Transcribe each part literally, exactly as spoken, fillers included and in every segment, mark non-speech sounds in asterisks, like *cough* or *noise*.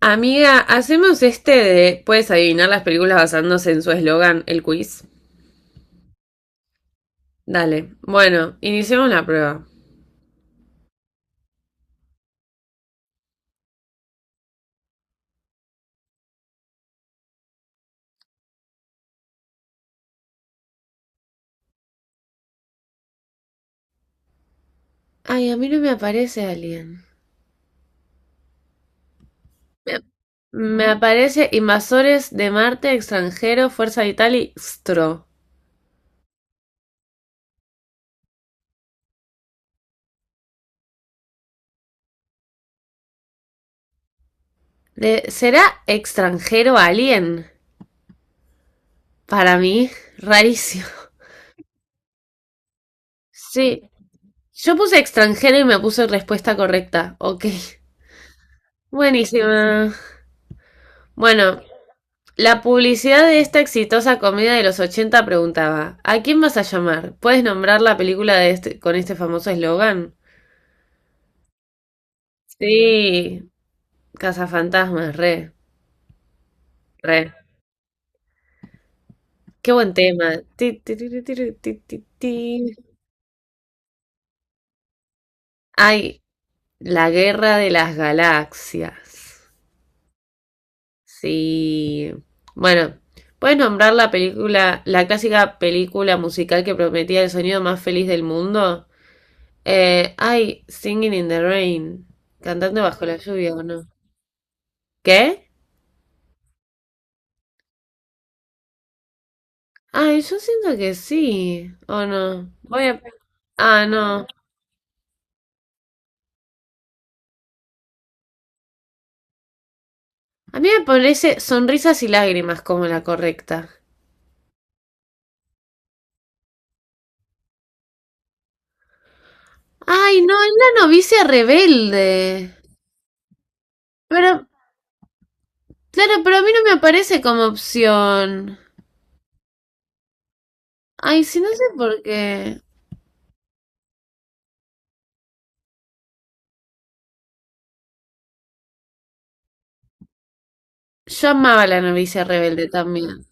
Amiga, hacemos este de puedes adivinar las películas basándose en su eslogan, el quiz. Dale. Bueno, iniciemos la prueba. Ay, a mí no me aparece alien. Me, me aparece Invasores de Marte, Extranjero, Fuerza Vital y Stro. De- ¿Será extranjero alien? Para mí, rarísimo. Sí. Yo puse extranjero y me puse respuesta correcta. Ok. Buenísima. Bueno, la publicidad de esta exitosa comedia de los ochenta preguntaba: ¿A quién vas a llamar? ¿Puedes nombrar la película de este- con este famoso eslogan? Sí, Cazafantasmas, re, re. Qué buen tema. Ti, ti, ti, ti, ti, ti, ti, ti. Ay, la guerra de las galaxias. Sí. Bueno, ¿puedes nombrar la película, la clásica película musical que prometía el sonido más feliz del mundo? Eh, ay, Singing in the Rain. Cantando bajo la lluvia, ¿o no? ¿Qué? Ay, yo siento que sí. ¿O no? Voy a... Ah, no. A mí me parece Sonrisas y Lágrimas como la correcta. Ay, no, es la novicia rebelde. Pero, claro, pero a mí no me aparece como opción. Ay, sí, no sé por qué. Yo amaba la novicia rebelde también.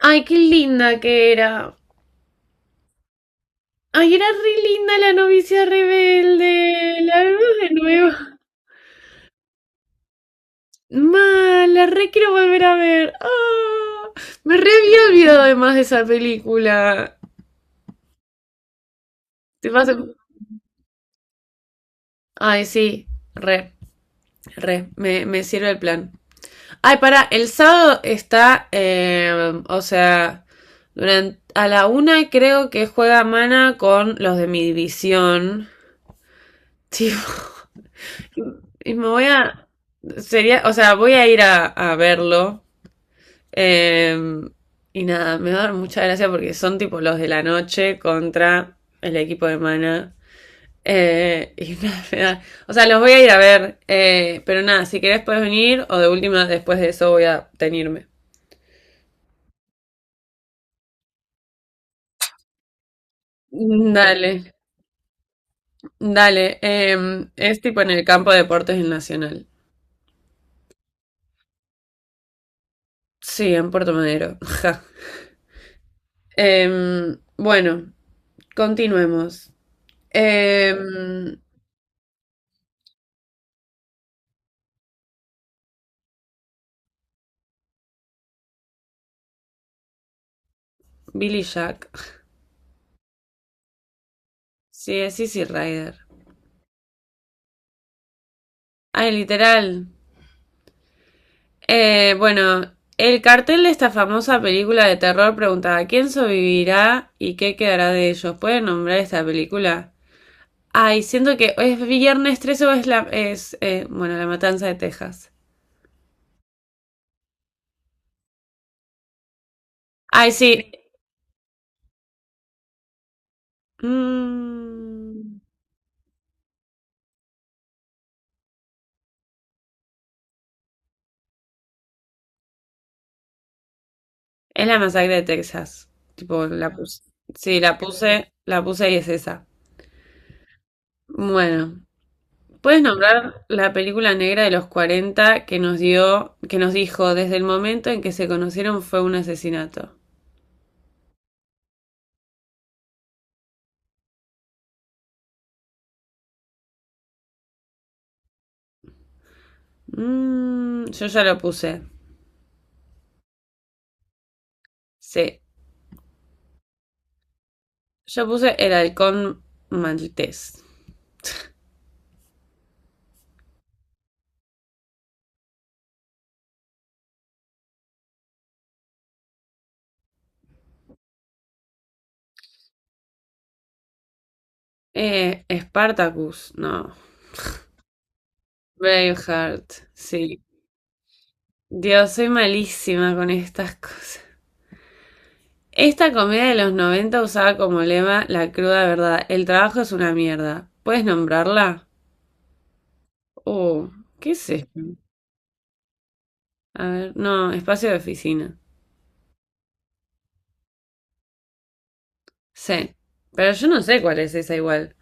Ay, qué linda que era. Ay, era re linda la novicia rebelde. La vemos de nuevo. Mal, la re quiero volver a ver. Ah, me re había olvidado además de esa película. Te vas a- Ay, sí, re, re, me, me sirve el plan. Ay, pará, el sábado está, eh, o sea, durante a la una creo que juega Mana con los de mi división. Tipo, *laughs* y me voy a, sería, o sea, voy a ir a, a verlo. Eh, y nada, me va a dar mucha gracia porque son tipo los de la noche contra el equipo de Mana. Eh, *laughs* y nada, me da- o sea, los voy a ir a ver. Eh, pero nada, si querés puedes venir o de última, después de eso voy a tenirme. Dale, dale. Em, es tipo en el campo de deportes del Nacional. Sí, en Puerto Madero. *laughs* Ja. Em, bueno, continuemos. Em, Billy Jack. Sí, es Easy Rider. Ay, literal. Eh, bueno, el cartel de esta famosa película de terror preguntaba quién sobrevivirá y qué quedará de ellos. ¿Pueden nombrar esta película? Ay, siento que es Viernes trece o es la... es, eh, bueno, La Matanza de Texas. Ay, sí. Mm, es la masacre de Texas. Tipo, la puse. Sí, la puse, la puse y es esa. Bueno, ¿puedes nombrar la película negra de los cuarenta que nos dio, que nos dijo desde el momento en que se conocieron fue un asesinato? Mm, yo ya lo puse. Sí. Yo puse el halcón maltés. Eh, Spartacus, no. Braveheart, sí. Dios, soy malísima con estas cosas. Esta comedia de los noventa usaba como lema la cruda verdad. El trabajo es una mierda. ¿Puedes nombrarla? Oh, ¿qué es esto? A ver, no, espacio de oficina. Sí. Pero yo no sé cuál es esa igual.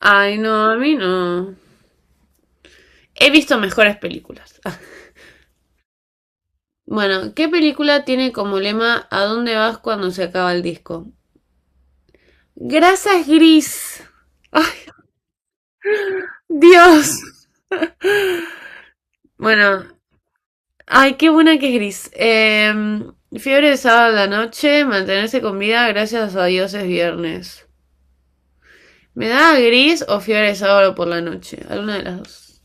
Ay, no, a mí no. He visto mejores películas. Bueno, ¿qué película tiene como lema ¿a dónde vas cuando se acaba el disco? Grasa es gris. ¡Ay, Dios! Bueno, ay, qué buena que es gris. Em, fiebre de sábado a la noche, mantenerse con vida gracias a Dios es viernes. ¿Me da gris o fiebre de sábado por la noche? Alguna de las dos.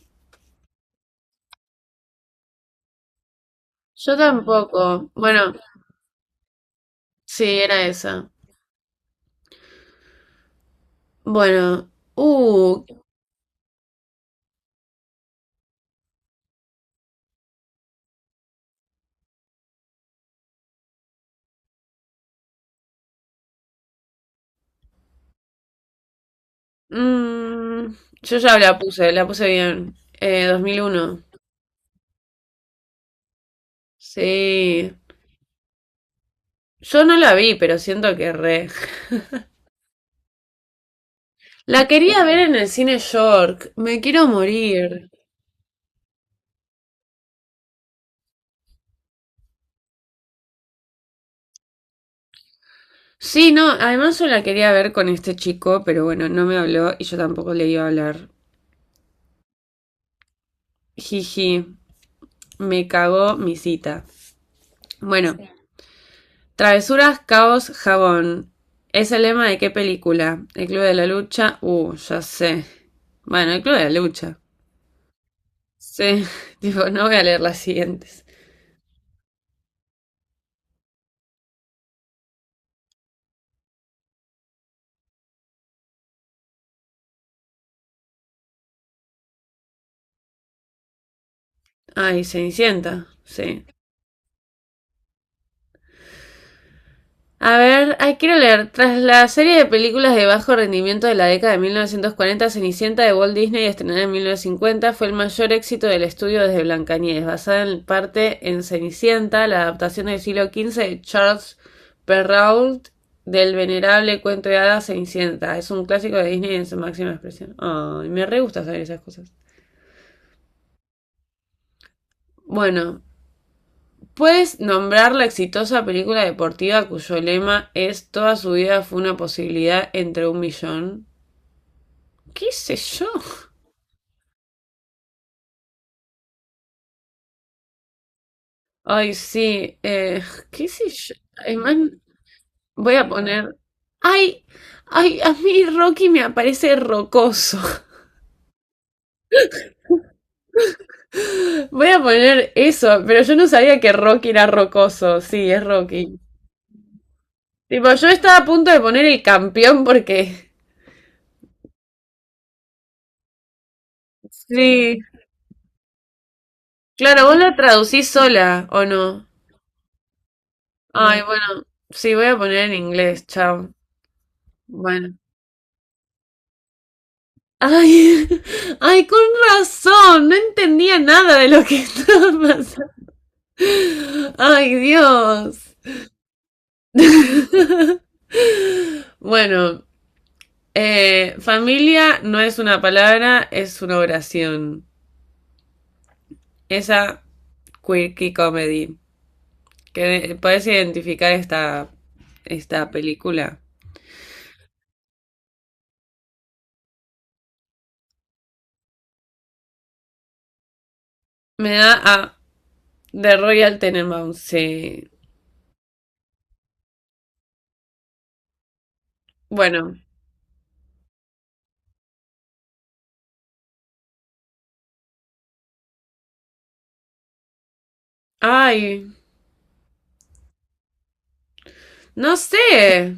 Yo tampoco. Bueno, sí, era esa. Bueno, uh, mm, yo ya la puse, la puse bien. Eh, dos mil uno. Sí. Yo no la vi, pero siento que re. La quería ver en el cine York. Me quiero morir. Sí, no, además yo la quería ver con este chico, pero bueno, no me habló y yo tampoco le iba a hablar. Jiji, me cagó mi cita. Bueno, sí. Travesuras, caos, jabón. ¿Es el lema de qué película? ¿El Club de la Lucha? Uh, ya sé. Bueno, el Club de la Lucha. Sí, *laughs* digo, no voy a leer las siguientes. Ay, Cenicienta, sí. A ver, hay quiero leer. Tras la serie de películas de bajo rendimiento de la década de mil novecientos cuarenta, Cenicienta de Walt Disney, estrenada en mil novecientos cincuenta, fue el mayor éxito del estudio desde Blancanieves, basada en parte en Cenicienta, la adaptación del siglo quince de Charles Perrault del venerable cuento de hadas Cenicienta. Es un clásico de Disney en su máxima expresión. Ay, oh, me re gusta saber esas cosas. Bueno, puedes nombrar la exitosa película deportiva cuyo lema es toda su vida fue una posibilidad entre un millón. ¿Qué sé yo? Ay, sí. eh, ¿Qué sé yo? Ay, man, voy a poner... Ay, ay, a mí Rocky me aparece rocoso. *laughs* Voy a poner eso, pero yo no sabía que Rocky era rocoso. Sí, es Rocky. Tipo, yo estaba a punto de poner el campeón porque... Sí. Claro, vos la traducís sola, ¿o no? Ay, bueno, sí, voy a poner en inglés, chao. Bueno. Ay, *laughs* ay, con razón, no entendía nada de lo que *laughs* estaba pasando. Ay, Dios. Bueno, eh, familia no es una palabra, es una oración. Esa quirky comedy. Que puedes identificar esta, esta película. Me da a The Royal Tenenbaums, sí. Bueno, ay, no sé.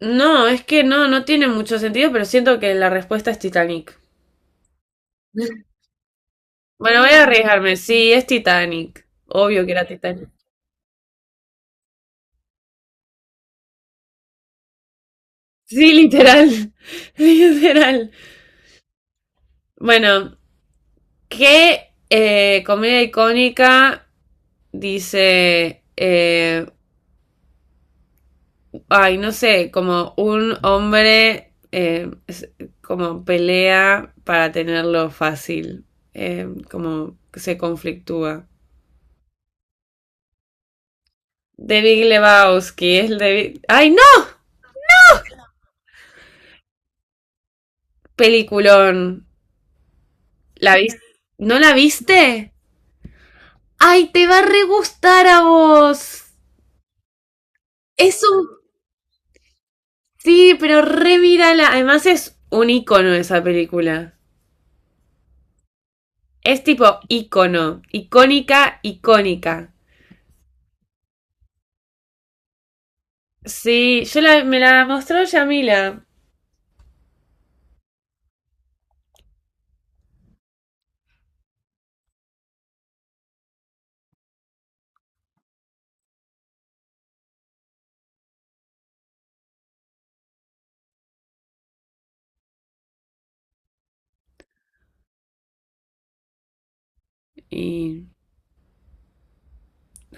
No, es que no, no tiene mucho sentido, pero siento que la respuesta es Titanic. Bueno, voy a arriesgarme. Sí, es Titanic. Obvio que era Titanic. Sí, literal. *laughs* Literal. Bueno, ¿qué eh, comedia icónica dice, eh, ay, no sé, como un hombre eh, es- como pelea para tenerlo fácil, eh, como que se conflictúa? The Big Lebowski, es el de... Big- Ay, no. Peliculón. ¿La viste? ¿No la viste? ¡Ay, te va a re gustar a vos! Es un. Sí, pero re mírala. Además, es un icono esa película. Es tipo icono. Icónica, icónica. Sí, yo la- me la mostró Yamila. Y.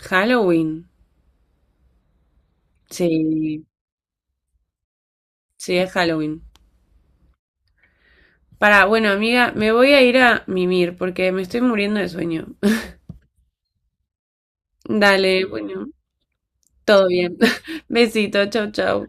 Halloween. Sí, sí, es Halloween. Para, bueno, amiga, me voy a ir a mimir porque me estoy muriendo de sueño. *laughs* Dale, bueno, todo bien. *laughs* Besito, chau, chau.